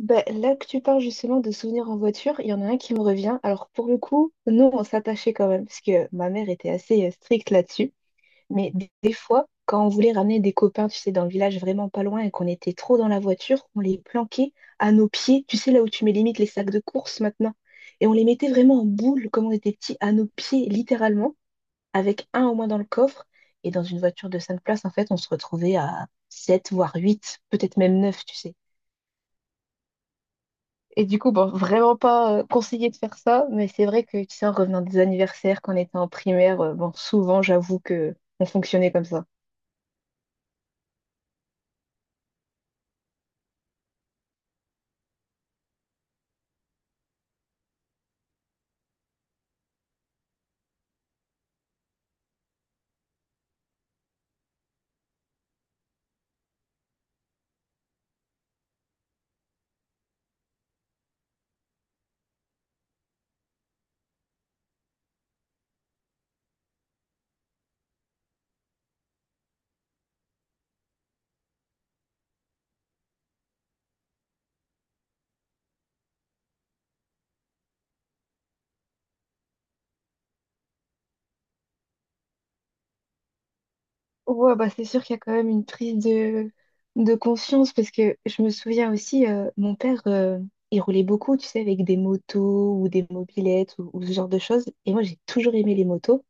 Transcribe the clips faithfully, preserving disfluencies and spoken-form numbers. Bah, là que tu parles justement de souvenirs en voiture, il y en a un qui me revient. Alors pour le coup, nous, on s'attachait quand même, parce que ma mère était assez euh, stricte là-dessus. Mais d- des fois, quand on voulait ramener des copains, tu sais, dans le village vraiment pas loin et qu'on était trop dans la voiture, on les planquait à nos pieds, tu sais, là où tu mets limite les sacs de course maintenant. Et on les mettait vraiment en boule, comme on était petits, à nos pieds, littéralement, avec un au moins dans le coffre. Et dans une voiture de cinq places, en fait, on se retrouvait à sept, voire huit, peut-être même neuf, tu sais. Et du coup, bon, vraiment pas euh, conseillé de faire ça, mais c'est vrai que, tu sais, en revenant des anniversaires, quand on était en primaire, euh, bon, souvent, j'avoue que on fonctionnait comme ça. Ouais, bah c'est sûr qu'il y a quand même une prise de, de conscience, parce que je me souviens aussi, euh, mon père, euh, il roulait beaucoup, tu sais, avec des motos ou des mobilettes ou, ou ce genre de choses. Et moi, j'ai toujours aimé les motos.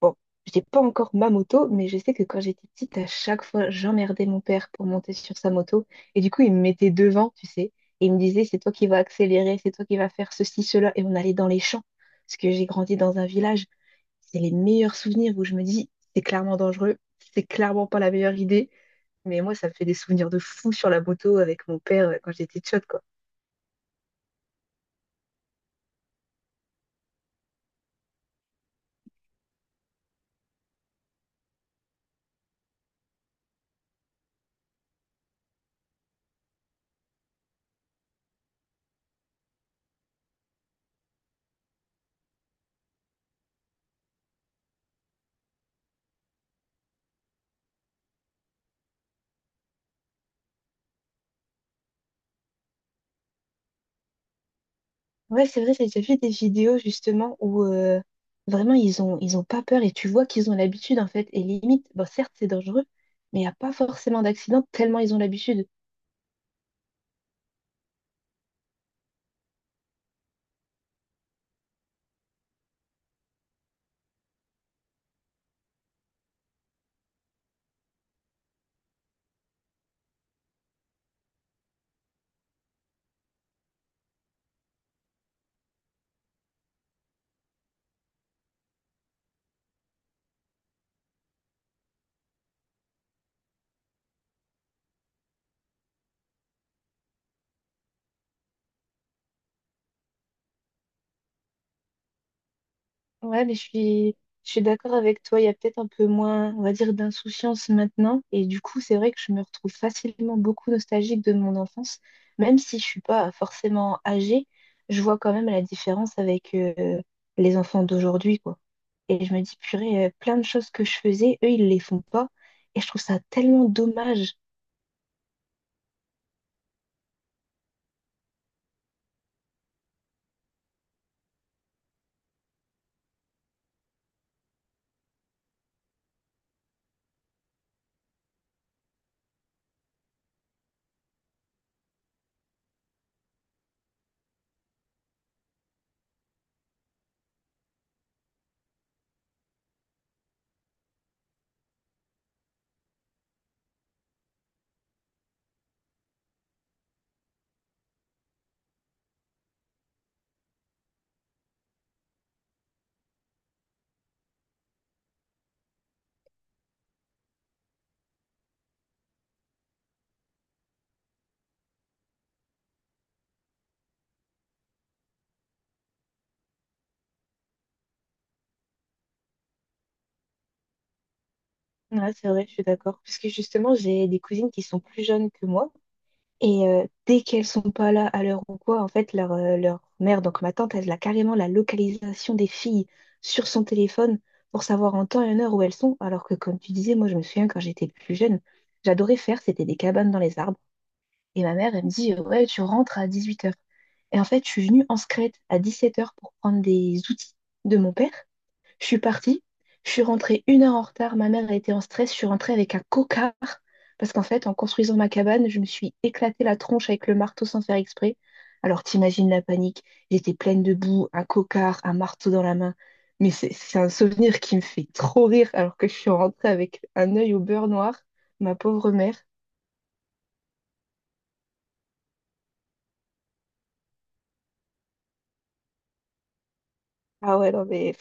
Bon, j'ai pas encore ma moto, mais je sais que quand j'étais petite, à chaque fois, j'emmerdais mon père pour monter sur sa moto. Et du coup, il me mettait devant, tu sais. Et il me disait, c'est toi qui vas accélérer, c'est toi qui vas faire ceci, cela. Et on allait dans les champs. Parce que j'ai grandi dans un village. C'est les meilleurs souvenirs où je me dis, c'est clairement dangereux, c'est clairement pas la meilleure idée. Mais moi, ça me fait des souvenirs de fou sur la moto avec mon père euh, quand j'étais tchotte, quoi. Ouais, c'est vrai, j'ai déjà vu des vidéos justement où euh, vraiment ils ont ils ont pas peur et tu vois qu'ils ont l'habitude en fait. Et limite, bon certes c'est dangereux, mais il n'y a pas forcément d'accident tellement ils ont l'habitude. Ouais, mais je suis, je suis d'accord avec toi. Il y a peut-être un peu moins, on va dire, d'insouciance maintenant. Et du coup, c'est vrai que je me retrouve facilement beaucoup nostalgique de mon enfance. Même si je suis pas forcément âgée, je vois quand même la différence avec euh, les enfants d'aujourd'hui, quoi. Et je me dis, purée, euh, plein de choses que je faisais, eux, ils les font pas. Et je trouve ça tellement dommage. Ouais, c'est vrai, je suis d'accord. Parce que justement, j'ai des cousines qui sont plus jeunes que moi. Et euh, dès qu'elles sont pas là à l'heure ou quoi, en fait, leur, euh, leur mère, donc ma tante, elle a carrément la localisation des filles sur son téléphone pour savoir en temps et en heure où elles sont. Alors que, comme tu disais, moi, je me souviens quand j'étais plus jeune, j'adorais faire, c'était des cabanes dans les arbres. Et ma mère, elle me dit, euh, ouais, tu rentres à dix-huit heures. Et en fait, je suis venue en secrète à dix-sept heures pour prendre des outils de mon père. Je suis partie, je suis rentrée une heure en retard, ma mère a été en stress, je suis rentrée avec un cocard parce qu'en fait, en construisant ma cabane, je me suis éclatée la tronche avec le marteau sans faire exprès. Alors t'imagines la panique, j'étais pleine de boue, un cocard, un marteau dans la main. Mais c'est c'est un souvenir qui me fait trop rire alors que je suis rentrée avec un œil au beurre noir, ma pauvre mère. Ah ouais, non mais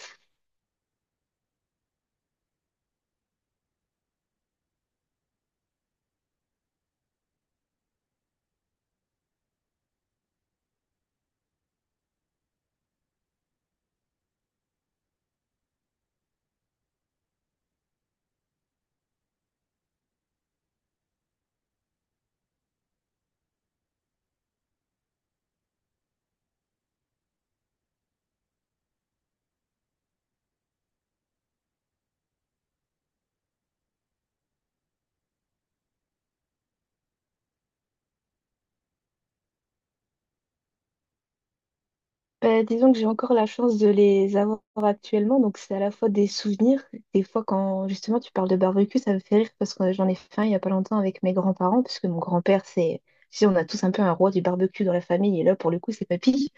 ben, disons que j'ai encore la chance de les avoir actuellement, donc c'est à la fois des souvenirs. Des fois, quand justement tu parles de barbecue, ça me fait rire parce que j'en ai fait un il n'y a pas longtemps avec mes grands-parents, parce que mon grand-père, c'est, tu sais, on a tous un peu un roi du barbecue dans la famille, et là, pour le coup, c'est papy.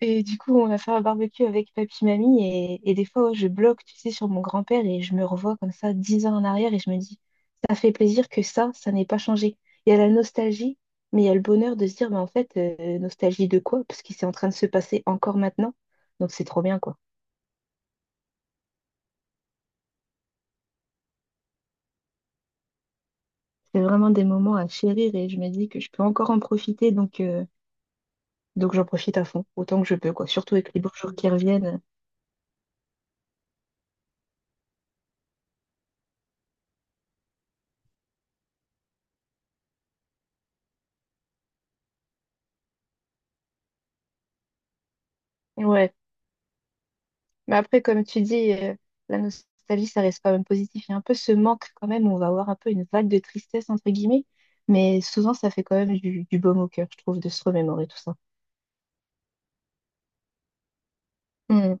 Et du coup, on a fait un barbecue avec papy, mamie, et, et des fois, ouais, je bloque, tu sais, sur mon grand-père et je me revois comme ça, dix ans en arrière, et je me dis, ça fait plaisir que ça, ça n'ait pas changé. Il y a la nostalgie, mais il y a le bonheur de se dire, mais en fait, euh, nostalgie de quoi? Parce qu'il c'est en train de se passer encore maintenant. Donc, c'est trop bien, quoi. C'est vraiment des moments à chérir et je me dis que je peux encore en profiter, donc, euh, donc j'en profite à fond, autant que je peux, quoi. Surtout avec les beaux jours qui reviennent. Ouais. Mais après, comme tu dis, euh, la nostalgie, ça reste quand même positif. Il y a un peu ce manque quand même, où on va avoir un peu une vague de tristesse, entre guillemets, mais souvent, ça fait quand même du, du baume au cœur, je trouve, de se remémorer tout ça. Hmm.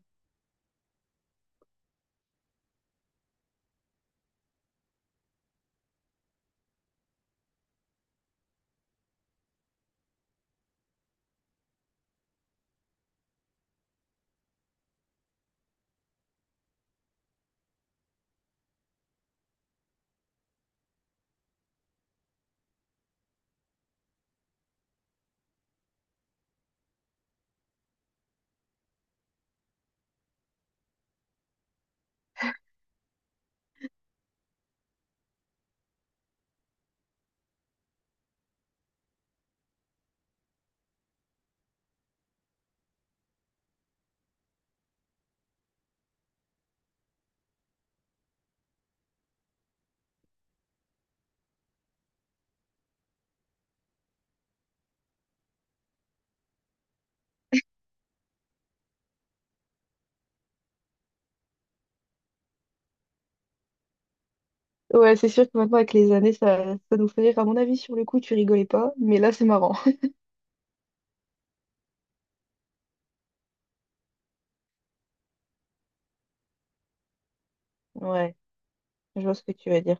Ouais, c'est sûr que maintenant, avec les années, ça, ça nous fait rire. À mon avis, sur le coup, tu rigolais pas, mais là, c'est marrant. Ouais, je vois ce que tu veux dire.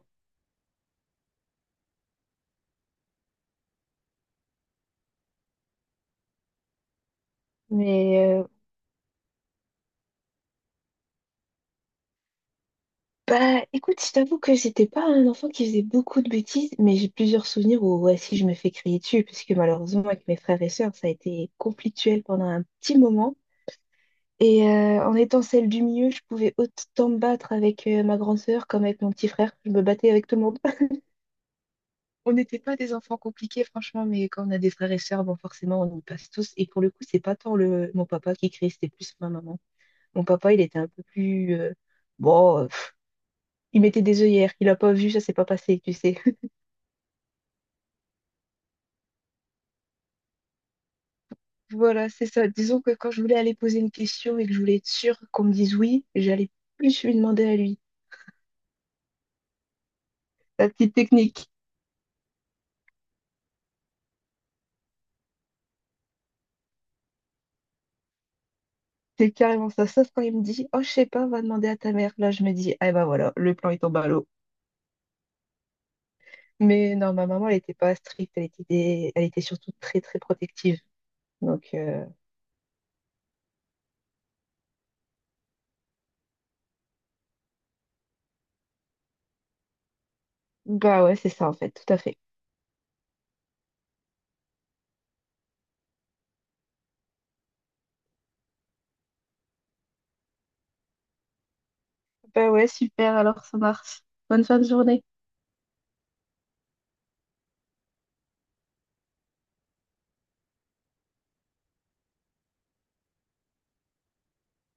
Mais euh, bah, écoute, je t'avoue que j'étais pas un enfant qui faisait beaucoup de bêtises, mais j'ai plusieurs souvenirs où, ouais, si je me fais crier dessus, parce que malheureusement, avec mes frères et sœurs, ça a été conflictuel pendant un petit moment. Et euh, en étant celle du milieu, je pouvais autant me battre avec euh, ma grande sœur comme avec mon petit frère. Je me battais avec tout le monde. On n'était pas des enfants compliqués, franchement, mais quand on a des frères et sœurs, bon, forcément, on y passe tous. Et pour le coup, c'est pas tant le mon papa qui criait, c'était plus ma maman. Mon papa, il était un peu plus euh, bon, euh, pff, il mettait des œillères. Il a pas vu, ça s'est pas passé, tu sais. Voilà, c'est ça. Disons que quand je voulais aller poser une question et que je voulais être sûre qu'on me dise oui, j'allais plus lui demander à lui. La petite technique. C'est carrément ça. Sauf quand il me dit, oh, je sais pas, va demander à ta mère. Là, je me dis, ah ben voilà, le plan il tombe à l'eau. Mais non, ma maman, elle était pas stricte, elle était, des- elle était surtout très, très protective. Donc, euh, bah ouais, c'est ça en fait, tout à fait. Bah ouais, super, alors ça marche. Bonne fin de journée.